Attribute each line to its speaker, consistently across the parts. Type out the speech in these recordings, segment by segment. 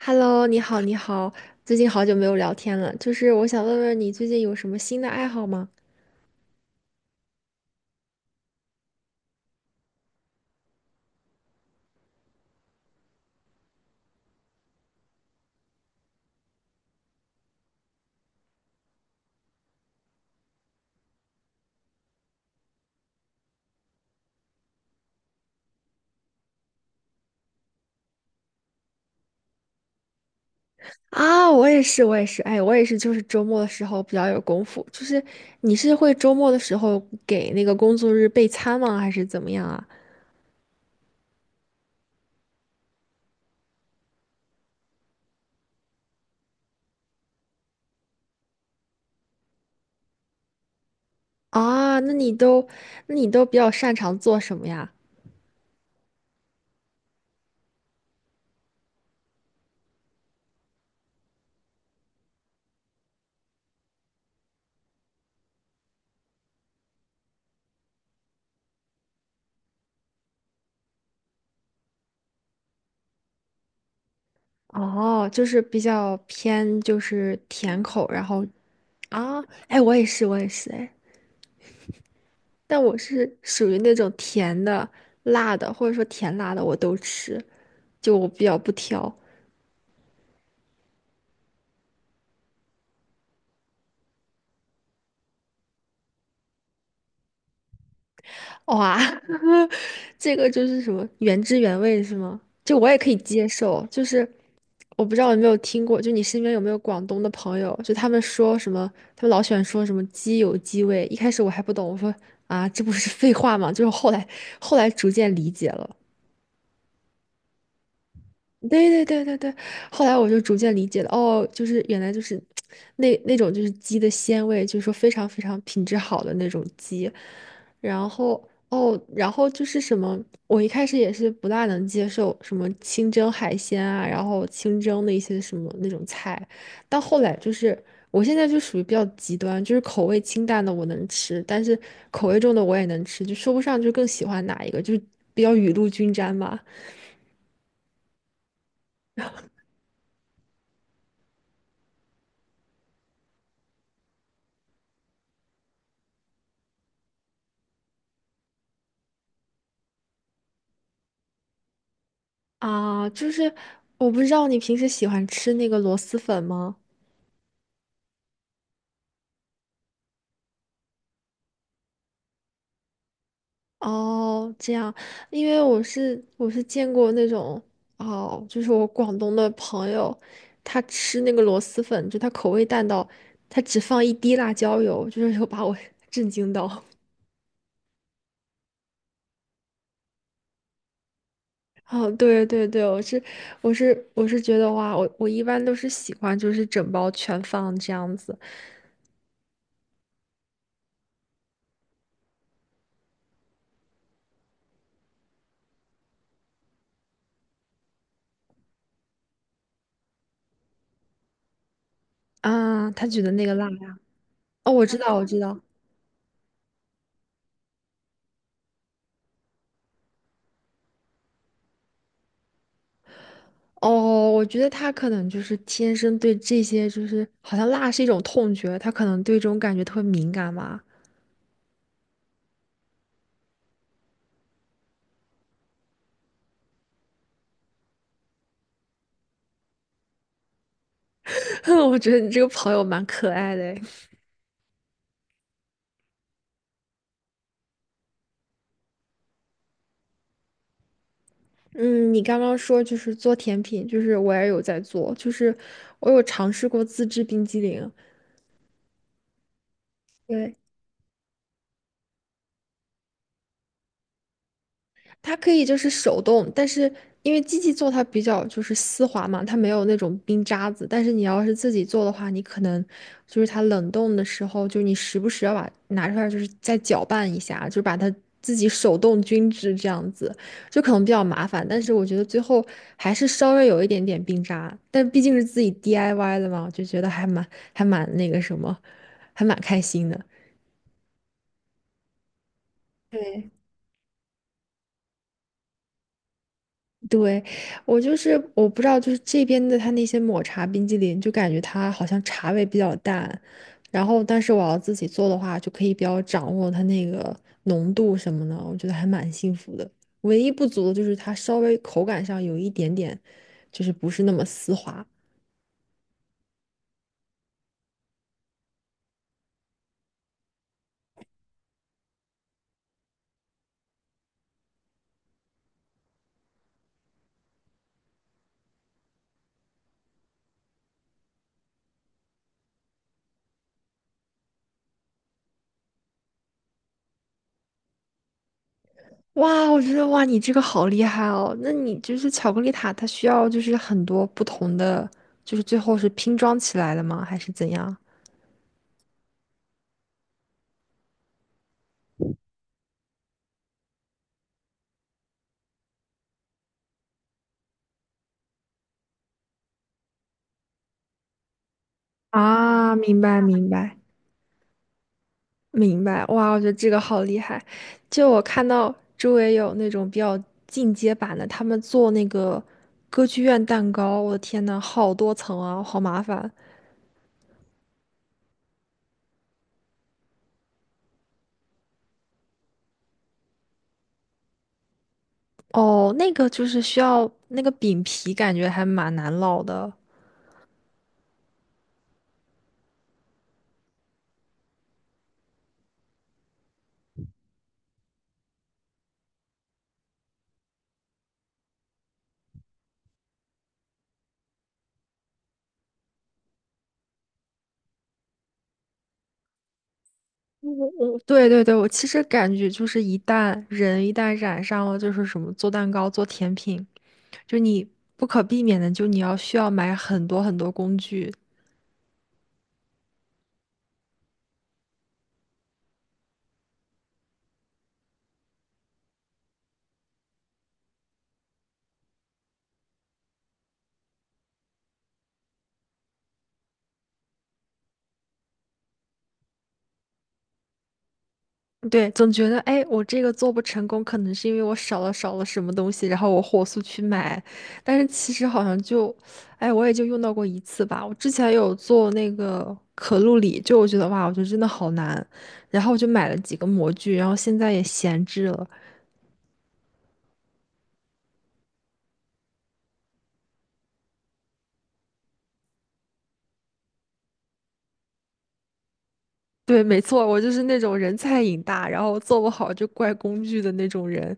Speaker 1: Hello，你好，你好，最近好久没有聊天了，就是我想问问你最近有什么新的爱好吗？啊，我也是，我也是，哎，我也是，就是周末的时候比较有功夫。就是你是会周末的时候给那个工作日备餐吗？还是怎么样啊？啊，那你都，那你都比较擅长做什么呀？哦，就是比较偏就是甜口，然后啊，哎，我也是，我也是，哎。但我是属于那种甜的、辣的，或者说甜辣的我都吃，就我比较不挑。哇，这个就是什么原汁原味是吗？就我也可以接受，就是我不知道有没有听过，就你身边有没有广东的朋友，就他们说什么，他们老喜欢说什么鸡有鸡味。一开始我还不懂，我说啊，这不是废话吗？就是后来逐渐理解了。对对对对对，后来我就逐渐理解了，哦，就是原来就是那种就是鸡的鲜味，就是说非常非常品质好的那种鸡，然后哦，然后就是什么，我一开始也是不大能接受什么清蒸海鲜啊，然后清蒸的一些什么那种菜，到后来就是我现在就属于比较极端，就是口味清淡的我能吃，但是口味重的我也能吃，就说不上就更喜欢哪一个，就是比较雨露均沾吧。啊，就是我不知道你平时喜欢吃那个螺蛳粉吗？哦，这样，因为我是见过那种哦，就是我广东的朋友，他吃那个螺蛳粉，就他口味淡到他只放一滴辣椒油，就是有把我 震惊到。哦，对对对，我是觉得哇，我一般都是喜欢就是整包全放这样子啊，他觉得那个辣呀，哦，我知道我知道。哦，我觉得他可能就是天生对这些，就是好像辣是一种痛觉，他可能对这种感觉特别敏感吧。我觉得你这个朋友蛮可爱的诶嗯，你刚刚说就是做甜品，就是我也有在做，就是我有尝试过自制冰激凌。对，它可以就是手动，但是因为机器做它比较就是丝滑嘛，它没有那种冰渣子。但是你要是自己做的话，你可能就是它冷冻的时候，就是你时不时要把拿出来，就是再搅拌一下，就把它自己手动均质这样子，就可能比较麻烦。但是我觉得最后还是稍微有一点点冰渣，但毕竟是自己 DIY 的嘛，我就觉得还蛮那个什么，还蛮开心的。对，对，我就是我不知道，就是这边的它那些抹茶冰激凌，就感觉它好像茶味比较淡，然后但是我要自己做的话，就可以比较掌握它那个浓度什么的，我觉得还蛮幸福的。唯一不足的就是它稍微口感上有一点点，就是不是那么丝滑。哇，我觉得哇，你这个好厉害哦！那你就是巧克力塔，它需要就是很多不同的，就是最后是拼装起来的吗？还是怎样？啊，明白明白。明白，哇，我觉得这个好厉害。就我看到周围有那种比较进阶版的，他们做那个歌剧院蛋糕，我的天呐，好多层啊，好麻烦。哦，那个就是需要那个饼皮，感觉还蛮难烙的。我我对对对，我其实感觉就是一旦染上了就是什么做蛋糕、做甜品，就你不可避免的，就你要需要买很多很多工具。对，总觉得哎，我这个做不成功，可能是因为我少了什么东西，然后我火速去买，但是其实好像就，哎，我也就用到过一次吧。我之前有做那个可露里，就我觉得哇，我觉得真的好难，然后我就买了几个模具，然后现在也闲置了。对，没错，我就是那种人菜瘾大，然后做不好就怪工具的那种人。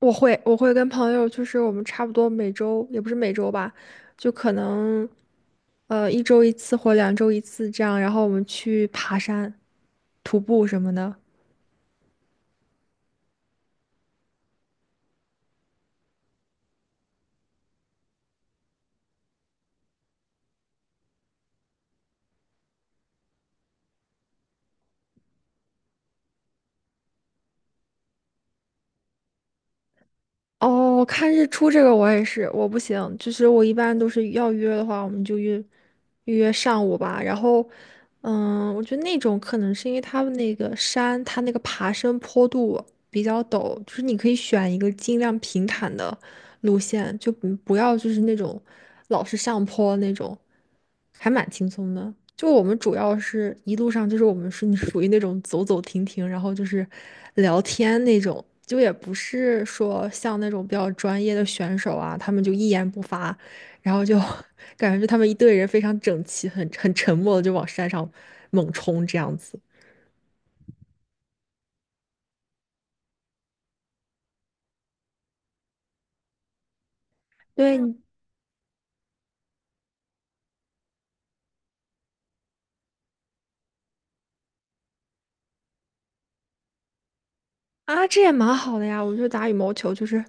Speaker 1: 我会，我会跟朋友，就是我们差不多每周，也不是每周吧，就可能。一周一次或两周一次这样，然后我们去爬山、徒步什么的。哦，看日出这个我也是，我不行，就是我一般都是要约的话，我们就约预约上午吧。然后，嗯，我觉得那种可能是因为他们那个山，它那个爬升坡度比较陡，就是你可以选一个尽量平坦的路线，就不要就是那种老是上坡那种，还蛮轻松的。就我们主要是一路上就是我们是 属于那种走走停停，然后就是聊天那种，就也不是说像那种比较专业的选手啊，他们就一言不发，然后就 感觉就他们一队人非常整齐，很沉默的就往山上猛冲这样子。对你啊，这也蛮好的呀，我觉得打羽毛球就是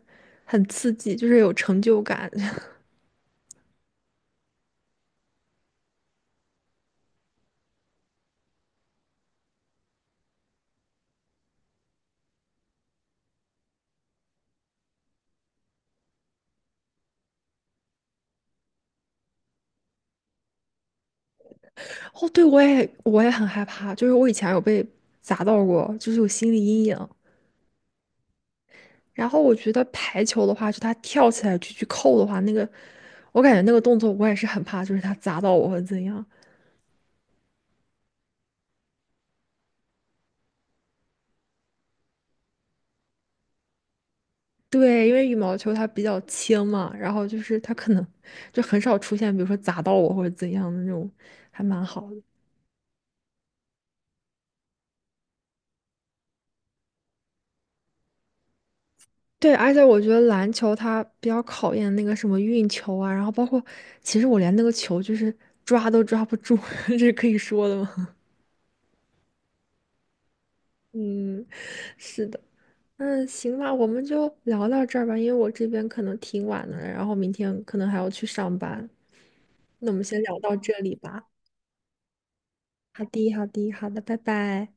Speaker 1: 很刺激，就是有成就感。哦，对，我也很害怕，就是我以前有被砸到过，就是有心理阴影。然后我觉得排球的话，就他跳起来去扣的话，那个我感觉那个动作我也是很怕，就是他砸到我会怎样？对，因为羽毛球它比较轻嘛，然后就是它可能就很少出现，比如说砸到我或者怎样的那种，还蛮好的。对，而且我觉得篮球它比较考验那个什么运球啊，然后包括其实我连那个球就是抓都抓不住，这是可以说的吗？嗯，是的。嗯，行吧，我们就聊到这儿吧，因为我这边可能挺晚的了然后明天可能还要去上班。那我们先聊到这里吧。好的，好的，好的，拜拜。